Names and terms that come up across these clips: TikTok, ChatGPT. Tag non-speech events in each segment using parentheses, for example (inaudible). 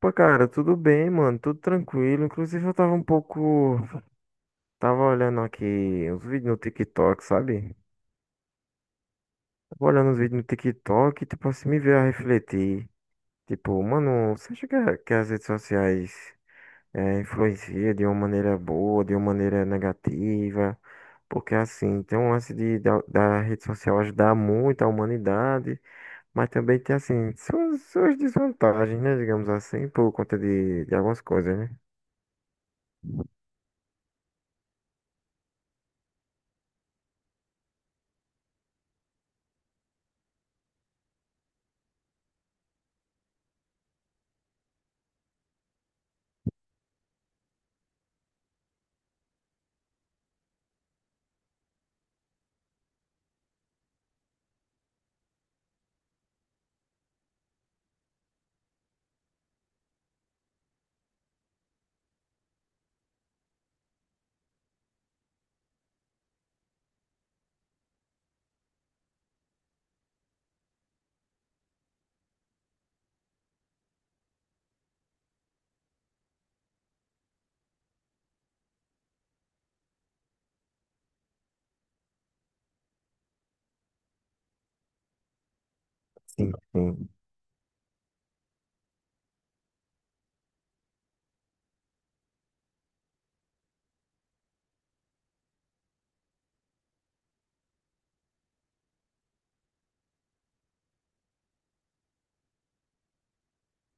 Pô, cara, tudo bem, mano, tudo tranquilo. Inclusive, eu tava um pouco. Tava olhando aqui os vídeos no TikTok, sabe? Tava olhando os vídeos no TikTok e, tipo, assim, me veio a refletir. Tipo, mano, você acha que, que as redes sociais influenciam de uma maneira boa, de uma maneira negativa? Porque, assim, tem um lance da rede social ajudar muito a humanidade, mas também tem, assim, suas desvantagens, né? Digamos assim, por conta de algumas coisas, né? Sim, sim.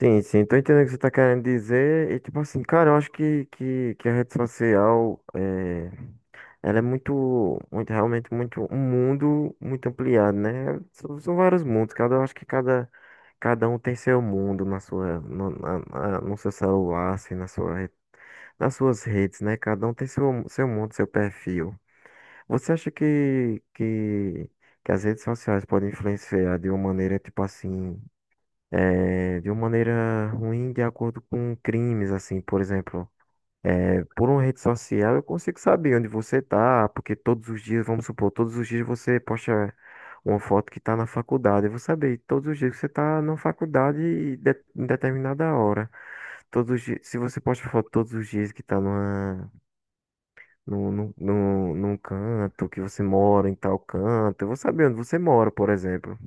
Sim, sim, tô entendendo o que você tá querendo dizer. E tipo assim, cara, eu acho que a rede social ela é muito, muito, realmente muito, um mundo muito ampliado, né? São vários mundos, cada, eu acho que cada, cada um tem seu mundo na no seu celular, assim, na nas suas redes, né? Cada um tem seu mundo, seu perfil. Você acha que as redes sociais podem influenciar de uma maneira, tipo assim, de uma maneira ruim de acordo com crimes, assim, por exemplo. Por uma rede social eu consigo saber onde você tá, porque todos os dias, vamos supor, todos os dias você posta uma foto que tá na faculdade. Eu vou saber todos os dias que você tá na faculdade e em determinada hora. Todos os dias, se você posta foto todos os dias que tá numa, num, num, num num canto, que você mora em tal canto, eu vou saber onde você mora, por exemplo.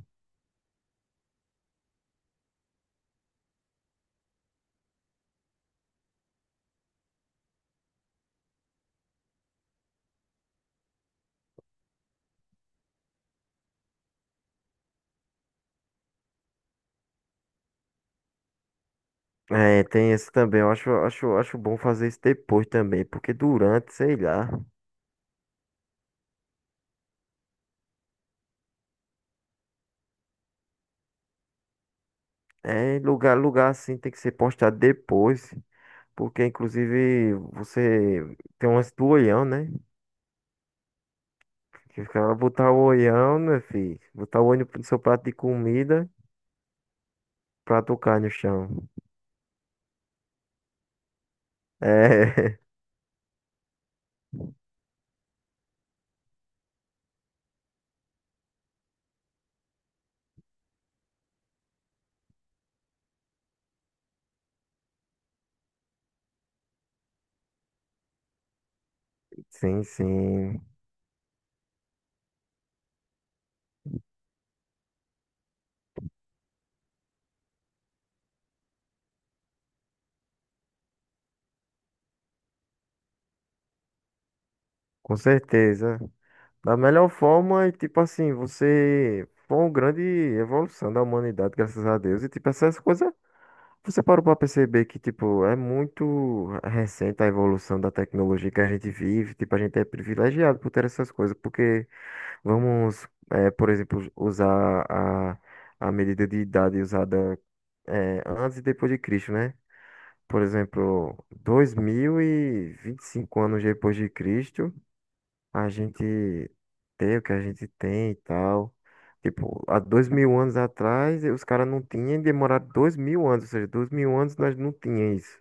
É, tem esse também. Eu acho bom fazer isso depois também, porque durante, sei lá, é lugar, lugar assim tem que ser postado depois, porque inclusive você tem um lance do olhão, né? Que o cara botar o olhão, né, filho? Botar o olho no seu prato de comida pra tocar no chão. É, (laughs) sim, sim, com certeza. Da melhor forma, e tipo assim, você foi uma grande evolução da humanidade, graças a Deus, e tipo essas coisas. Você parou para perceber que, tipo, é muito recente a evolução da tecnologia que a gente vive. Tipo, a gente é privilegiado por ter essas coisas, porque vamos, por exemplo, usar a medida de idade usada, antes e depois de Cristo, né? Por exemplo, dois mil e vinte e cinco anos depois de Cristo a gente ter o que a gente tem e tal. Tipo, há 2000 anos atrás, os caras não tinham e demoraram 2000 anos, ou seja, 2000 anos nós não tínhamos isso.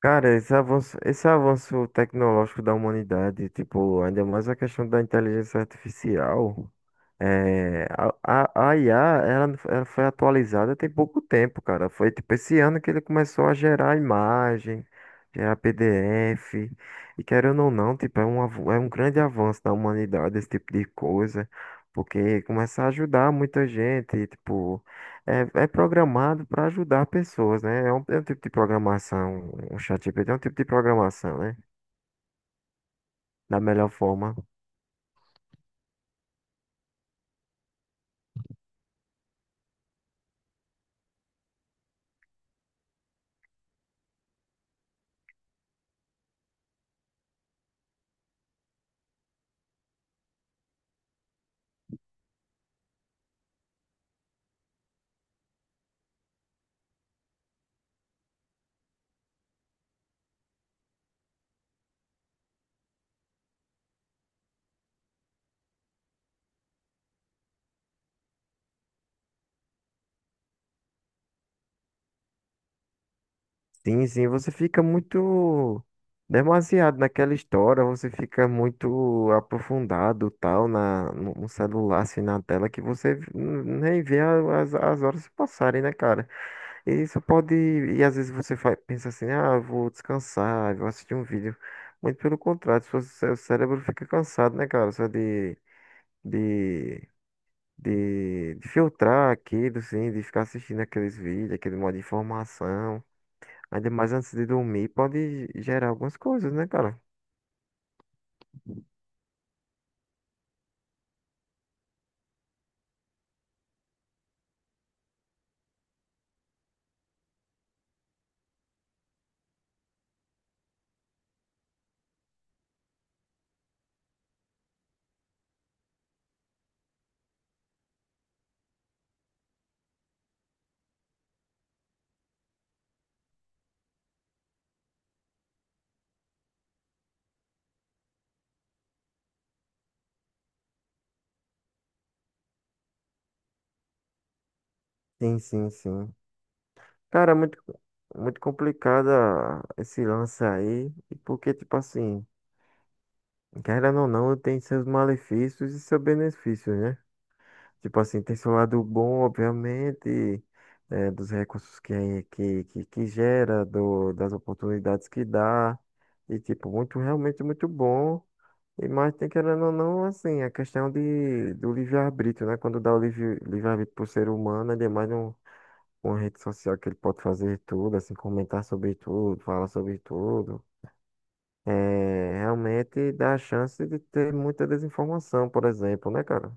Cara, esse avanço tecnológico da humanidade, tipo, ainda mais a questão da inteligência artificial. É, a IA, ela foi atualizada tem pouco tempo, cara. Foi tipo esse ano que ele começou a gerar imagem, gerar PDF. E querendo ou não, tipo, é um grande avanço da humanidade esse tipo de coisa. Porque começa a ajudar muita gente, e, tipo, é programado para ajudar pessoas, né? É um tipo de programação, um ChatGPT é um tipo de programação, né? Da melhor forma. Sim, sim, você fica muito demasiado naquela história, você fica muito aprofundado tal na no celular, assim, na tela que você nem vê as horas passarem, né, cara? E isso pode e às vezes você pensa assim, ah, eu vou descansar, vou assistir um vídeo. Muito pelo contrário, seu cérebro fica cansado, né, cara? Só de de filtrar aquilo, assim, de ficar assistindo aqueles vídeos, aquele modo de informação. Ainda mais antes de dormir, pode gerar algumas coisas, né, cara? Sim, sim, sim. Cara, é muito, muito complicada esse lance aí. E porque, tipo assim, querendo ou não, tem seus malefícios e seus benefícios, né? Tipo assim, tem seu lado bom, obviamente, dos recursos que gera, das oportunidades que dá. E, tipo, muito, realmente muito bom. E mais tem querendo ou não, assim, a questão do livre-arbítrio, né? Quando dá o livre-arbítrio pro ser humano, é demais uma rede social que ele pode fazer tudo, assim, comentar sobre tudo, falar sobre tudo. É, realmente dá a chance de ter muita desinformação, por exemplo, né, cara?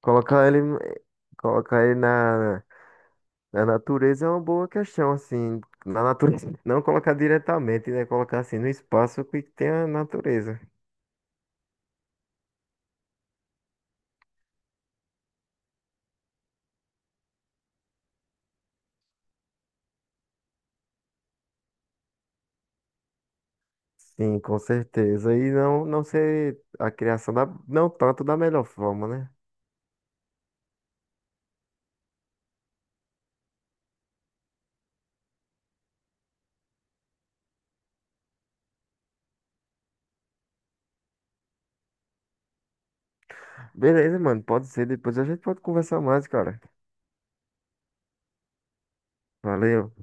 Colocar ele, colocar ele na natureza é uma boa questão, assim. Na natureza, (laughs) não colocar diretamente, né? Colocar assim no espaço que tem a natureza. Sim, com certeza. E não ser a criação não tanto da melhor forma, né? Beleza, mano, pode ser. Depois a gente pode conversar mais, cara. Valeu.